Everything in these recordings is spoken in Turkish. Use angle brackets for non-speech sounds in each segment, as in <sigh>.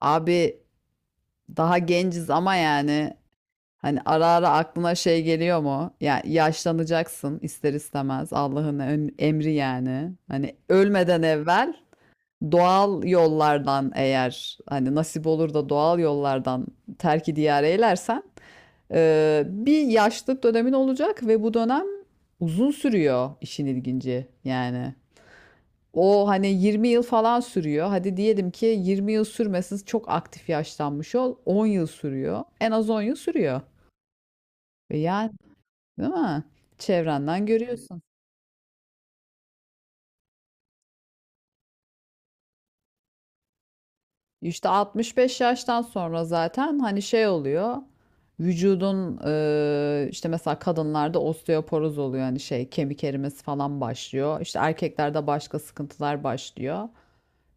Abi daha genciz ama yani hani ara ara aklına şey geliyor mu? Ya yaşlanacaksın ister istemez Allah'ın emri yani. Hani ölmeden evvel doğal yollardan eğer hani nasip olur da doğal yollardan terki diyar eylersen bir yaşlılık dönemin olacak ve bu dönem uzun sürüyor işin ilginci yani. O hani 20 yıl falan sürüyor. Hadi diyelim ki 20 yıl sürmesin, çok aktif yaşlanmış ol. 10 yıl sürüyor. En az 10 yıl sürüyor. Ve yani, değil mi? Çevrenden görüyorsun. İşte 65 yaştan sonra zaten hani şey oluyor. Vücudun işte mesela kadınlarda osteoporoz oluyor, hani şey, kemik erimesi falan başlıyor. İşte erkeklerde başka sıkıntılar başlıyor.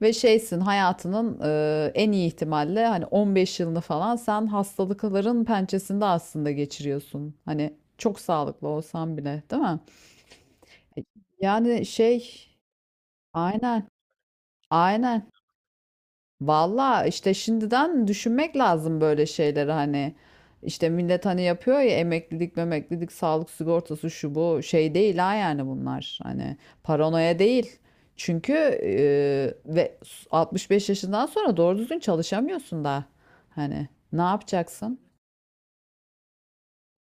Ve şeysin, hayatının en iyi ihtimalle hani 15 yılını falan sen hastalıkların pençesinde aslında geçiriyorsun. Hani çok sağlıklı olsan bile, değil mi? E, Yani şey. Aynen. Aynen. Valla işte şimdiden düşünmek lazım böyle şeyleri, hani işte millet hani yapıyor ya, emeklilik memeklilik, sağlık sigortası şu bu, şey değil ha yani. Bunlar hani paranoya değil. Çünkü e, ve 65 yaşından sonra doğru düzgün çalışamıyorsun da hani ne yapacaksın?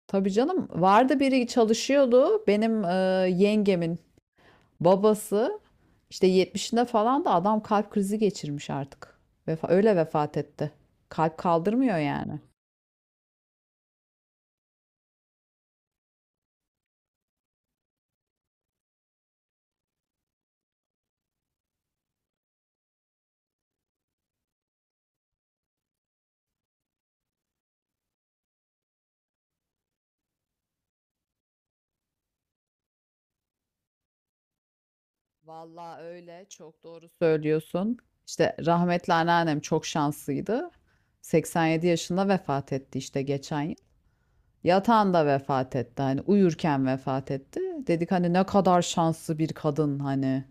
Tabii canım, vardı biri çalışıyordu, benim yengemin babası işte 70'inde falan da adam kalp krizi geçirmiş artık. Öyle vefat etti. Kalp kaldırmıyor yani. Vallahi öyle, çok doğru söylüyorsun. İşte rahmetli anneannem çok şanslıydı. 87 yaşında vefat etti işte, geçen yıl. Yatağında vefat etti, hani uyurken vefat etti. Dedik hani ne kadar şanslı bir kadın hani.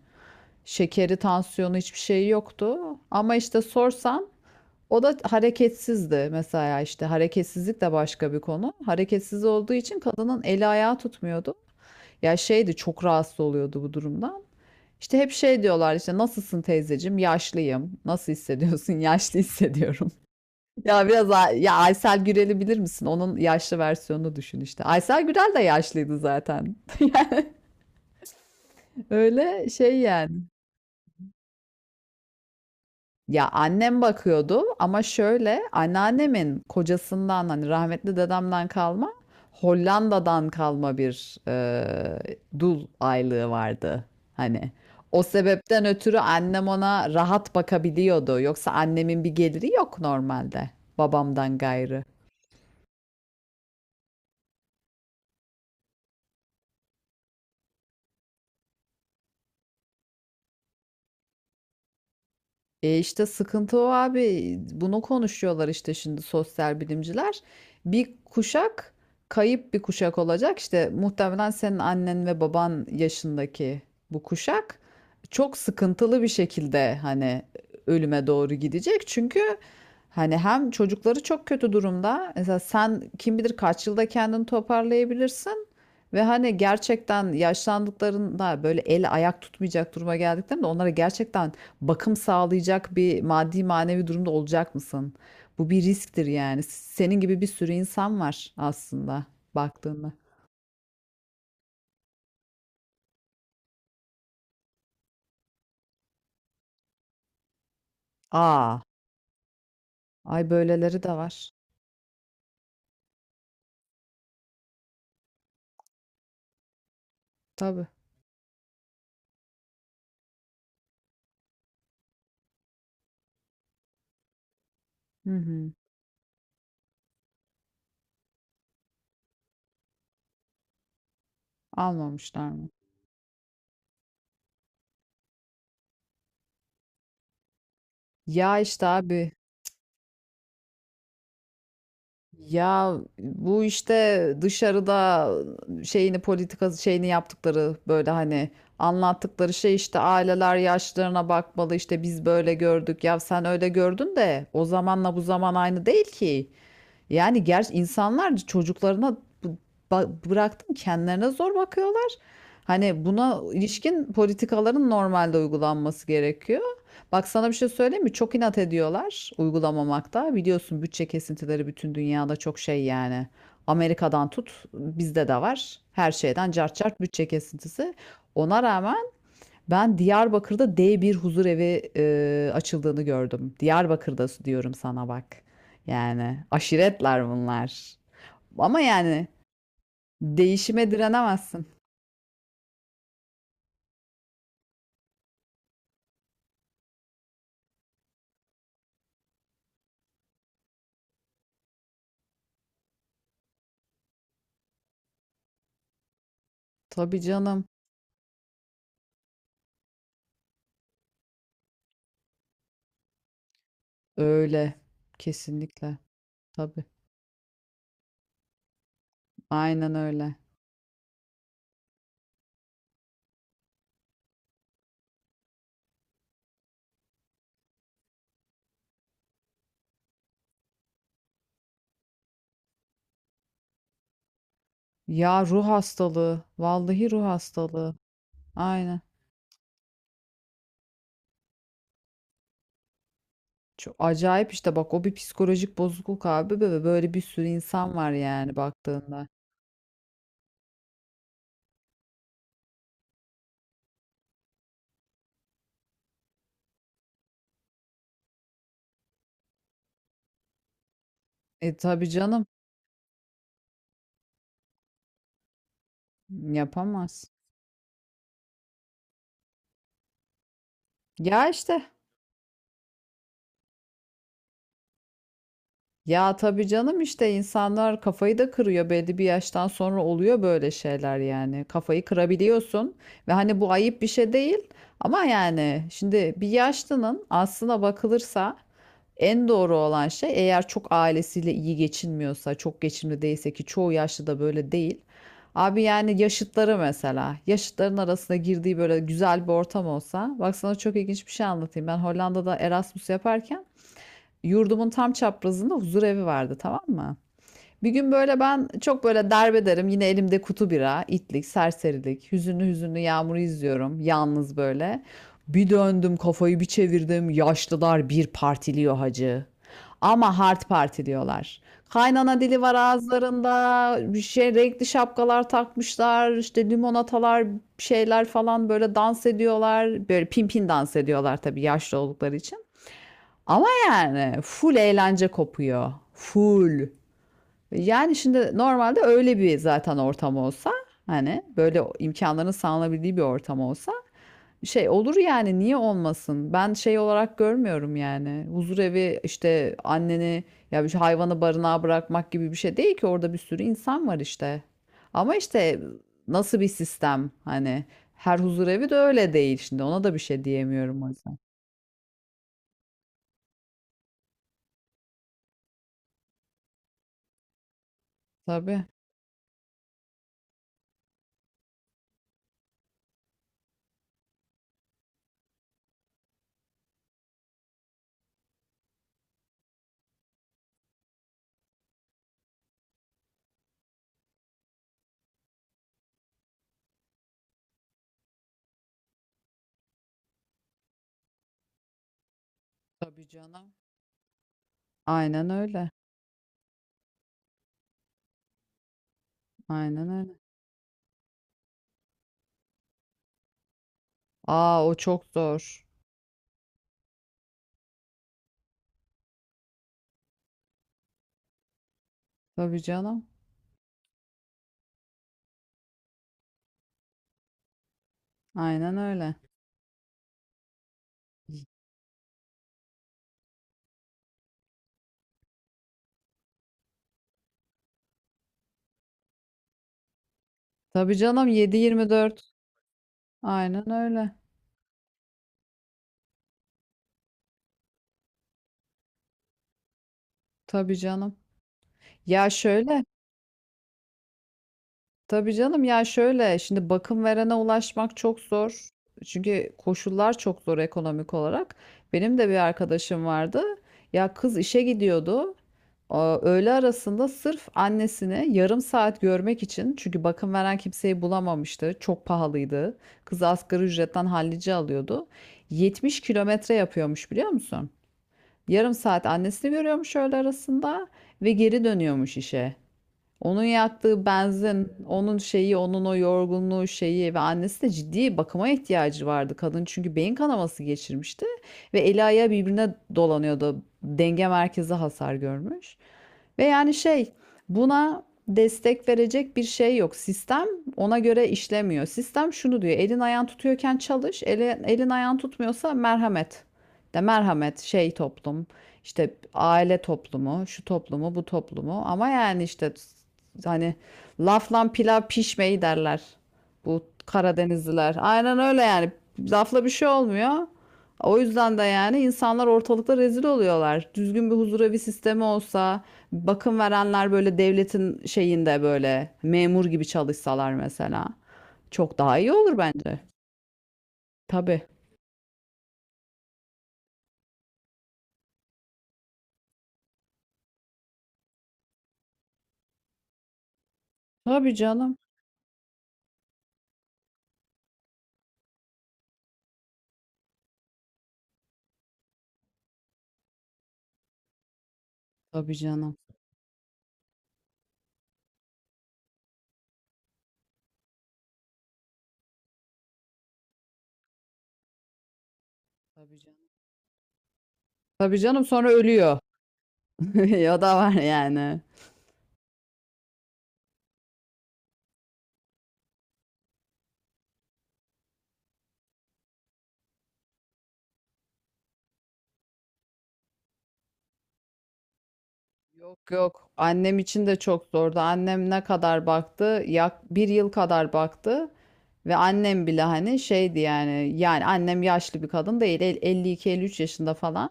Şekeri, tansiyonu, hiçbir şey yoktu. Ama işte sorsan, o da hareketsizdi mesela. İşte hareketsizlik de başka bir konu. Hareketsiz olduğu için kadının eli ayağı tutmuyordu. Ya şeydi, çok rahatsız oluyordu bu durumdan. İşte hep şey diyorlar, işte nasılsın teyzeciğim? Yaşlıyım. Nasıl hissediyorsun? <laughs> Yaşlı hissediyorum. <laughs> Ya biraz ya, Aysel Gürel'i bilir misin? Onun yaşlı versiyonunu düşün işte. Aysel Gürel de yaşlıydı zaten. <laughs> Öyle şey yani. Ya annem bakıyordu ama şöyle, anneannemin kocasından, hani rahmetli dedemden kalma, Hollanda'dan kalma bir dul aylığı vardı. Hani o sebepten ötürü annem ona rahat bakabiliyordu. Yoksa annemin bir geliri yok normalde, babamdan gayrı. E işte sıkıntı o abi. Bunu konuşuyorlar işte şimdi sosyal bilimciler. Bir kuşak, kayıp bir kuşak olacak. İşte muhtemelen senin annen ve baban yaşındaki bu kuşak çok sıkıntılı bir şekilde hani ölüme doğru gidecek. Çünkü hani hem çocukları çok kötü durumda. Mesela sen kim bilir kaç yılda kendini toparlayabilirsin. Ve hani gerçekten yaşlandıklarında, böyle el ayak tutmayacak duruma geldiklerinde onlara gerçekten bakım sağlayacak bir maddi manevi durumda olacak mısın? Bu bir risktir yani. Senin gibi bir sürü insan var aslında baktığında. Aa, ay böyleleri de var. Tabii. Hı hı. Almamışlar mı? Ya işte abi, ya bu işte dışarıda şeyini, politika şeyini yaptıkları, böyle hani anlattıkları şey, işte aileler yaşlarına bakmalı, işte biz böyle gördük ya, sen öyle gördün, de o zamanla bu zaman aynı değil ki. Yani gerçi insanlar çocuklarına bıraktım, kendilerine zor bakıyorlar. Hani buna ilişkin politikaların normalde uygulanması gerekiyor. Bak, sana bir şey söyleyeyim mi? Çok inat ediyorlar uygulamamakta. Biliyorsun bütçe kesintileri bütün dünyada çok şey yani. Amerika'dan tut, bizde de var. Her şeyden cart cart bütçe kesintisi. Ona rağmen ben Diyarbakır'da D1 huzur evi açıldığını gördüm. Diyarbakır'da diyorum sana, bak. Yani aşiretler bunlar. Ama yani değişime direnemezsin. Tabii canım. Öyle. Kesinlikle. Tabii. Aynen öyle. Ya ruh hastalığı. Vallahi ruh hastalığı. Aynen. Çok acayip işte. Bak, o bir psikolojik bozukluk abi ve böyle bir sürü insan var yani baktığında. E tabii canım. Yapamaz. Ya işte Ya tabii canım, işte insanlar kafayı da kırıyor, belli bir yaştan sonra oluyor böyle şeyler yani. Kafayı kırabiliyorsun ve hani bu ayıp bir şey değil ama yani şimdi bir yaşlının, aslına bakılırsa en doğru olan şey, eğer çok ailesiyle iyi geçinmiyorsa, çok geçimli değilse, ki çoğu yaşlı da böyle değil. Abi yani yaşıtları mesela, yaşıtların arasında girdiği böyle güzel bir ortam olsa. Bak sana çok ilginç bir şey anlatayım. Ben Hollanda'da Erasmus yaparken yurdumun tam çaprazında huzur evi vardı, tamam mı? Bir gün böyle ben çok böyle derbederim yine, elimde kutu bira, itlik, serserilik, hüzünlü hüzünlü yağmuru izliyorum yalnız böyle. Bir döndüm, kafayı bir çevirdim, yaşlılar bir partiliyor hacı. Ama hard partiliyorlar. Kaynana dili var ağızlarında, bir şey renkli şapkalar takmışlar, işte limonatalar, şeyler falan, böyle dans ediyorlar. Böyle pimpin dans ediyorlar tabii, yaşlı oldukları için. Ama yani full eğlence kopuyor. Full. Yani şimdi normalde öyle bir zaten ortam olsa, hani böyle imkanların sağlanabildiği bir ortam olsa, şey olur yani, niye olmasın? Ben şey olarak görmüyorum yani. Huzur evi işte, anneni ya hayvanı barınağa bırakmak gibi bir şey değil ki, orada bir sürü insan var işte. Ama işte nasıl bir sistem hani, her huzur evi de öyle değil şimdi, ona da bir şey diyemiyorum o yüzden. Tabii. Tabii canım. Aynen öyle. Aynen öyle. Aa, o çok zor. Tabii canım. Aynen öyle. Tabii canım. 7/24. Aynen öyle. Tabii canım. Ya şöyle. Tabii canım, ya şöyle. Şimdi bakım verene ulaşmak çok zor. Çünkü koşullar çok zor ekonomik olarak. Benim de bir arkadaşım vardı. Ya kız işe gidiyordu. Aa, öğle arasında sırf annesini yarım saat görmek için, çünkü bakım veren kimseyi bulamamıştı. Çok pahalıydı. Kız asgari ücretten hallice alıyordu. 70 kilometre yapıyormuş, biliyor musun? Yarım saat annesini görüyormuş öğle arasında ve geri dönüyormuş işe. Onun yaktığı benzin, onun şeyi, onun o yorgunluğu şeyi, ve annesi de, ciddi bakıma ihtiyacı vardı kadın. Çünkü beyin kanaması geçirmişti ve eli ayağı birbirine dolanıyordu. Denge merkezi hasar görmüş. Ve yani şey, buna destek verecek bir şey yok. Sistem ona göre işlemiyor. Sistem şunu diyor: elin ayağın tutuyorken çalış. Elin ayağın tutmuyorsa merhamet. De merhamet şey, toplum. İşte aile toplumu, şu toplumu, bu toplumu. Ama yani işte hani, lafla pilav pişmeyi derler. Bu Karadenizliler. Aynen öyle yani. Lafla bir şey olmuyor. O yüzden de yani insanlar ortalıkta rezil oluyorlar. Düzgün bir huzur evi sistemi olsa, bakım verenler böyle devletin şeyinde böyle memur gibi çalışsalar mesela. Çok daha iyi olur bence. Tabii. Tabii canım. Tabii canım. Tabii canım. Tabii canım, sonra ölüyor. <laughs> Ya da var yani. Yok, yok. Annem için de çok zordu. Annem ne kadar baktı? Bir yıl kadar baktı. Ve annem bile hani şeydi yani. Yani annem yaşlı bir kadın değil. 52, 53 yaşında falan.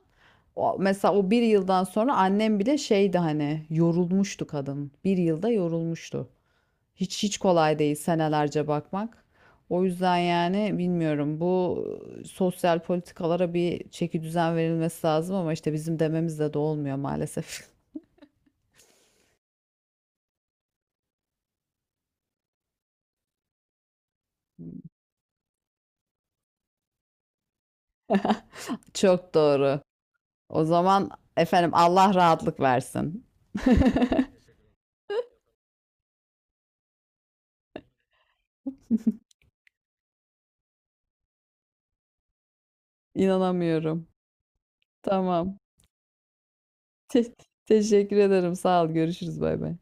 O, mesela o bir yıldan sonra annem bile şeydi hani, yorulmuştu kadın. Bir yılda yorulmuştu. Hiç hiç kolay değil senelerce bakmak. O yüzden yani bilmiyorum, bu sosyal politikalara bir çeki düzen verilmesi lazım ama işte bizim dememizle de olmuyor maalesef. <laughs> Çok doğru. O zaman, efendim, Allah rahatlık versin. <laughs> İnanamıyorum. Tamam. Te- teşekkür ederim. Sağ ol. Görüşürüz. Bay bay.